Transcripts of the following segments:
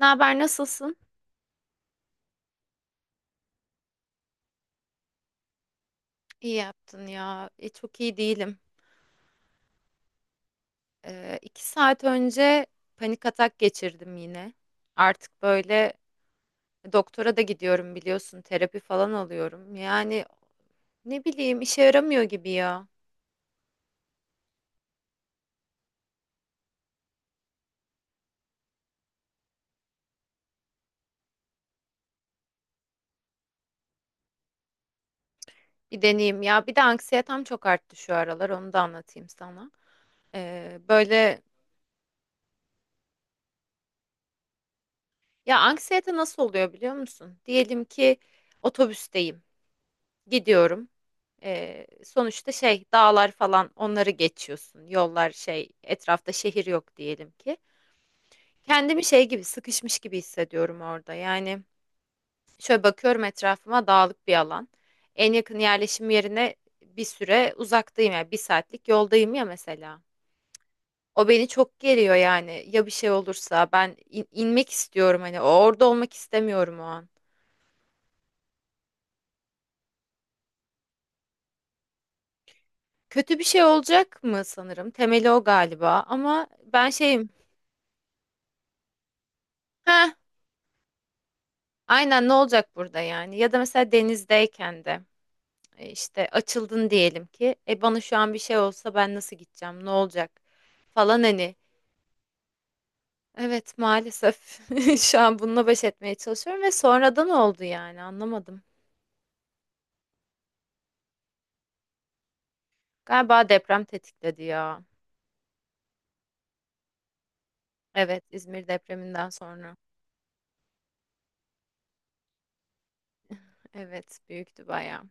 Ne haber, nasılsın? İyi yaptın ya. Çok iyi değilim. 2 saat önce panik atak geçirdim yine. Artık böyle doktora da gidiyorum biliyorsun. Terapi falan alıyorum. Yani ne bileyim işe yaramıyor gibi ya. Bir deneyeyim ya. Bir de anksiyetem çok arttı şu aralar. Onu da anlatayım sana. Böyle ya anksiyete nasıl oluyor biliyor musun? Diyelim ki otobüsteyim. Gidiyorum. Sonuçta şey dağlar falan onları geçiyorsun. Yollar şey etrafta şehir yok diyelim ki. Kendimi şey gibi sıkışmış gibi hissediyorum orada. Yani şöyle bakıyorum etrafıma dağlık bir alan. En yakın yerleşim yerine bir süre uzaktayım ya yani bir saatlik yoldayım ya mesela. O beni çok geriyor yani. Ya bir şey olursa ben inmek istiyorum hani orada olmak istemiyorum o an. Kötü bir şey olacak mı sanırım. Temeli o galiba ama ben şeyim. Aynen ne olacak burada yani? Ya da mesela denizdeyken de işte açıldın diyelim ki bana şu an bir şey olsa ben nasıl gideceğim? Ne olacak? Falan hani. Evet, maalesef şu an bununla baş etmeye çalışıyorum ve sonradan oldu yani anlamadım. Galiba deprem tetikledi ya. Evet, İzmir depreminden sonra. Evet, büyüktü bayağı.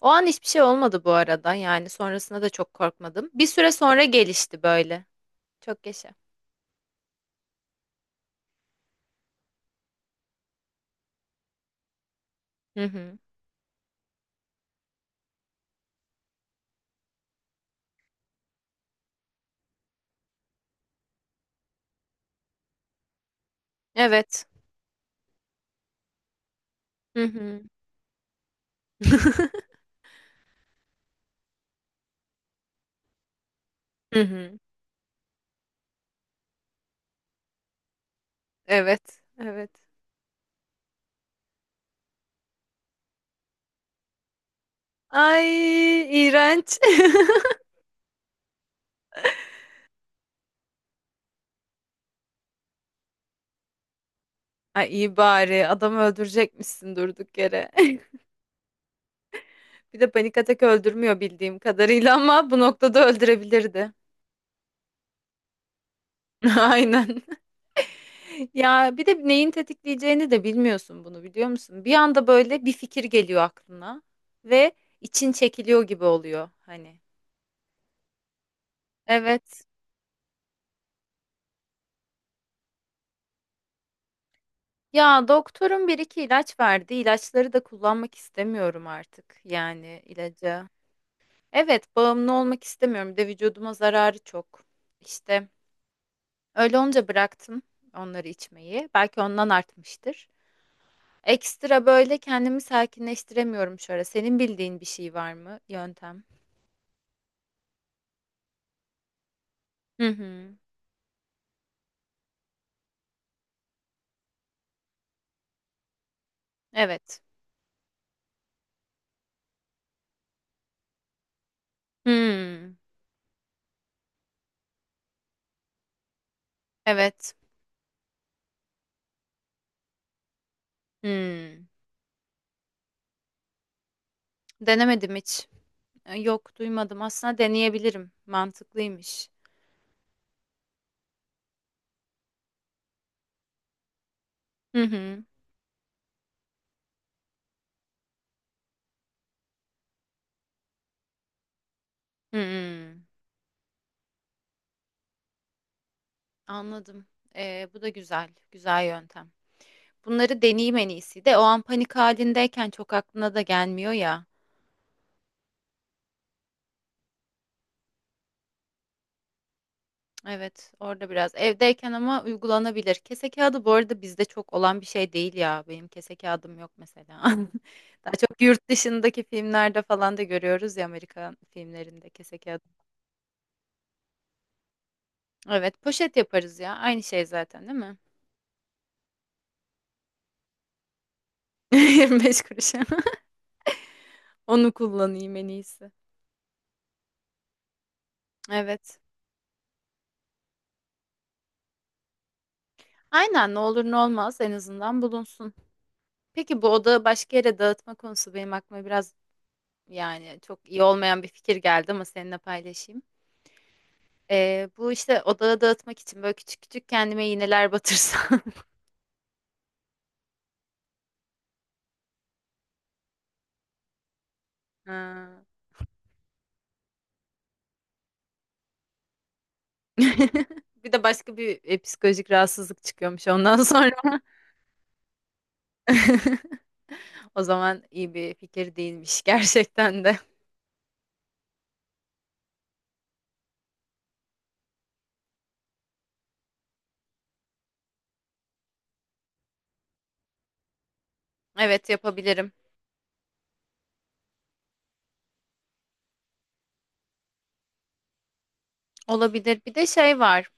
O an hiçbir şey olmadı bu arada yani sonrasında da çok korkmadım. Bir süre sonra gelişti böyle. Çok yaşa. Hı hı. Evet. Hı hı. Hı hı. Evet, evet. Ay, iğrenç. Ay, iyi bari adamı öldürecekmişsin durduk yere. Bir de panik atak öldürmüyor bildiğim kadarıyla ama bu noktada öldürebilirdi. Aynen. Ya bir de neyin tetikleyeceğini de bilmiyorsun bunu biliyor musun? Bir anda böyle bir fikir geliyor aklına ve için çekiliyor gibi oluyor hani. Evet. Ya doktorun bir iki ilaç verdi. İlaçları da kullanmak istemiyorum artık yani ilacı. Evet, bağımlı olmak istemiyorum. Bir de vücuduma zararı çok. İşte öyle olunca bıraktım onları içmeyi. Belki ondan artmıştır. Ekstra böyle kendimi sakinleştiremiyorum şu ara. Senin bildiğin bir şey var mı? Yöntem. Hı hı. Evet. Hmm. Evet. Hmm. Denemedim hiç. Yok, duymadım. Aslında deneyebilirim. Mantıklıymış. Hı hı. Hmm. Anladım. Bu da güzel. Güzel yöntem. Bunları deneyeyim en iyisi de o an panik halindeyken çok aklına da gelmiyor ya. Evet, orada biraz evdeyken ama uygulanabilir. Kese kağıdı bu arada bizde çok olan bir şey değil ya. Benim kese kağıdım yok mesela. Daha çok yurt dışındaki filmlerde falan da görüyoruz ya, Amerikan filmlerinde kese kağıdı. Evet, poşet yaparız ya. Aynı şey zaten değil mi? 25 kuruşa. Onu kullanayım en iyisi. Evet. Aynen, ne olur ne olmaz en azından bulunsun. Peki, bu odağı başka yere dağıtma konusu benim aklıma biraz, yani çok iyi olmayan bir fikir geldi, ama seninle paylaşayım. Bu işte odağı dağıtmak için böyle küçük küçük kendime iğneler batırsam. Ha. Bir de başka bir psikolojik rahatsızlık çıkıyormuş ondan sonra. O zaman iyi bir fikir değilmiş gerçekten de. Evet, yapabilirim. Olabilir. Bir de şey var.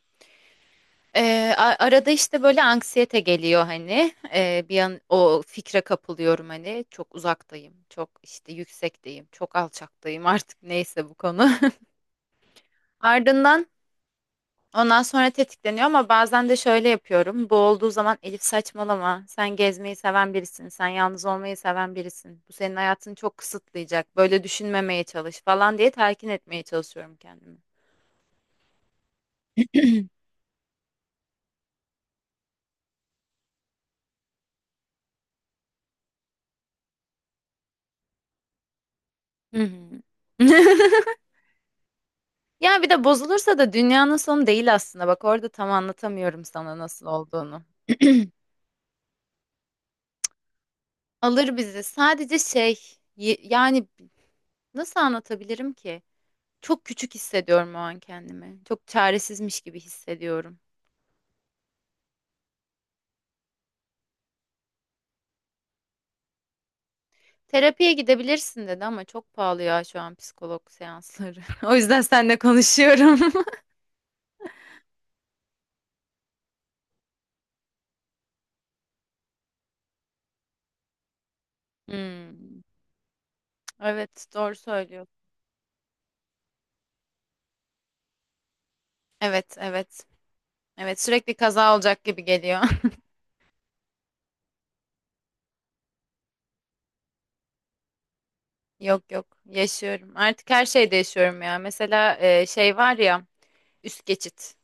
Arada işte böyle anksiyete geliyor hani, bir an o fikre kapılıyorum hani çok uzaktayım çok işte yüksekteyim çok alçaktayım artık neyse bu konu. Ardından ondan sonra tetikleniyor, ama bazen de şöyle yapıyorum bu olduğu zaman: Elif, saçmalama, sen gezmeyi seven birisin, sen yalnız olmayı seven birisin, bu senin hayatını çok kısıtlayacak, böyle düşünmemeye çalış falan diye telkin etmeye çalışıyorum kendimi. Hı hı. Ya bir de bozulursa da dünyanın sonu değil aslında. Bak, orada tam anlatamıyorum sana nasıl olduğunu. Alır bizi. Sadece şey, yani nasıl anlatabilirim ki? Çok küçük hissediyorum o an kendimi. Çok çaresizmiş gibi hissediyorum. Terapiye gidebilirsin dedi ama çok pahalı ya şu an psikolog seansları. O yüzden seninle konuşuyorum. Hmm. Evet, doğru söylüyorsun. Evet, evet. Evet, sürekli kaza olacak gibi geliyor. Yok, yok, yaşıyorum. Artık her şeyde yaşıyorum ya. Mesela şey var ya, üst geçit.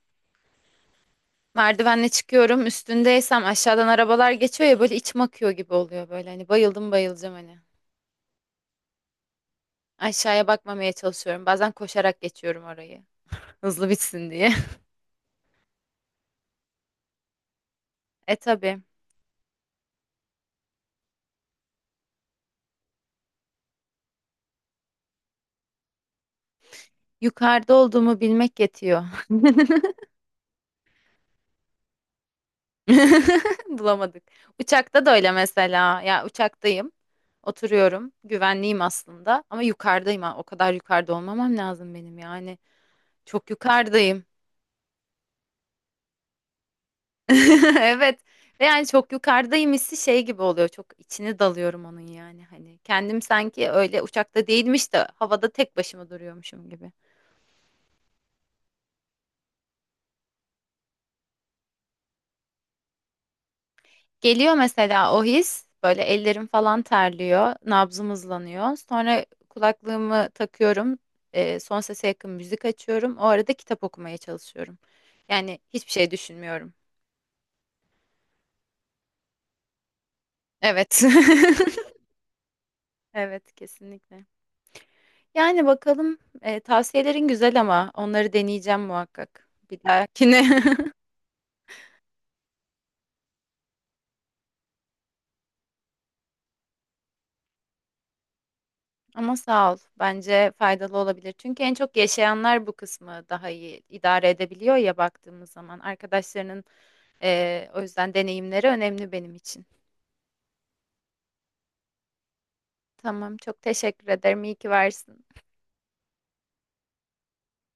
Merdivenle çıkıyorum, üstündeysem aşağıdan arabalar geçiyor ya böyle içim akıyor gibi oluyor böyle. Hani bayıldım bayılacağım hani. Aşağıya bakmamaya çalışıyorum. Bazen koşarak geçiyorum orayı. Hızlı bitsin diye. E tabii. Yukarıda olduğumu bilmek yetiyor. Bulamadık. Uçakta da öyle mesela. Ya, uçaktayım. Oturuyorum. Güvenliyim aslında. Ama yukarıdayım. Ha. O kadar yukarıda olmamam lazım benim yani. Çok yukarıdayım. Evet. Ve yani çok yukarıdayım hissi şey gibi oluyor. Çok içine dalıyorum onun yani. Hani kendim sanki öyle uçakta değilmiş de havada tek başıma duruyormuşum gibi. Geliyor mesela o his. Böyle ellerim falan terliyor. Nabzım hızlanıyor. Sonra kulaklığımı takıyorum. Son sese yakın müzik açıyorum. O arada kitap okumaya çalışıyorum. Yani hiçbir şey düşünmüyorum. Evet. Evet, kesinlikle. Yani bakalım, tavsiyelerin güzel ama onları deneyeceğim muhakkak bir dahakine. Ama sağ ol. Bence faydalı olabilir. Çünkü en çok yaşayanlar bu kısmı daha iyi idare edebiliyor ya baktığımız zaman. Arkadaşlarının o yüzden deneyimleri önemli benim için. Tamam, çok teşekkür ederim. İyi ki varsın.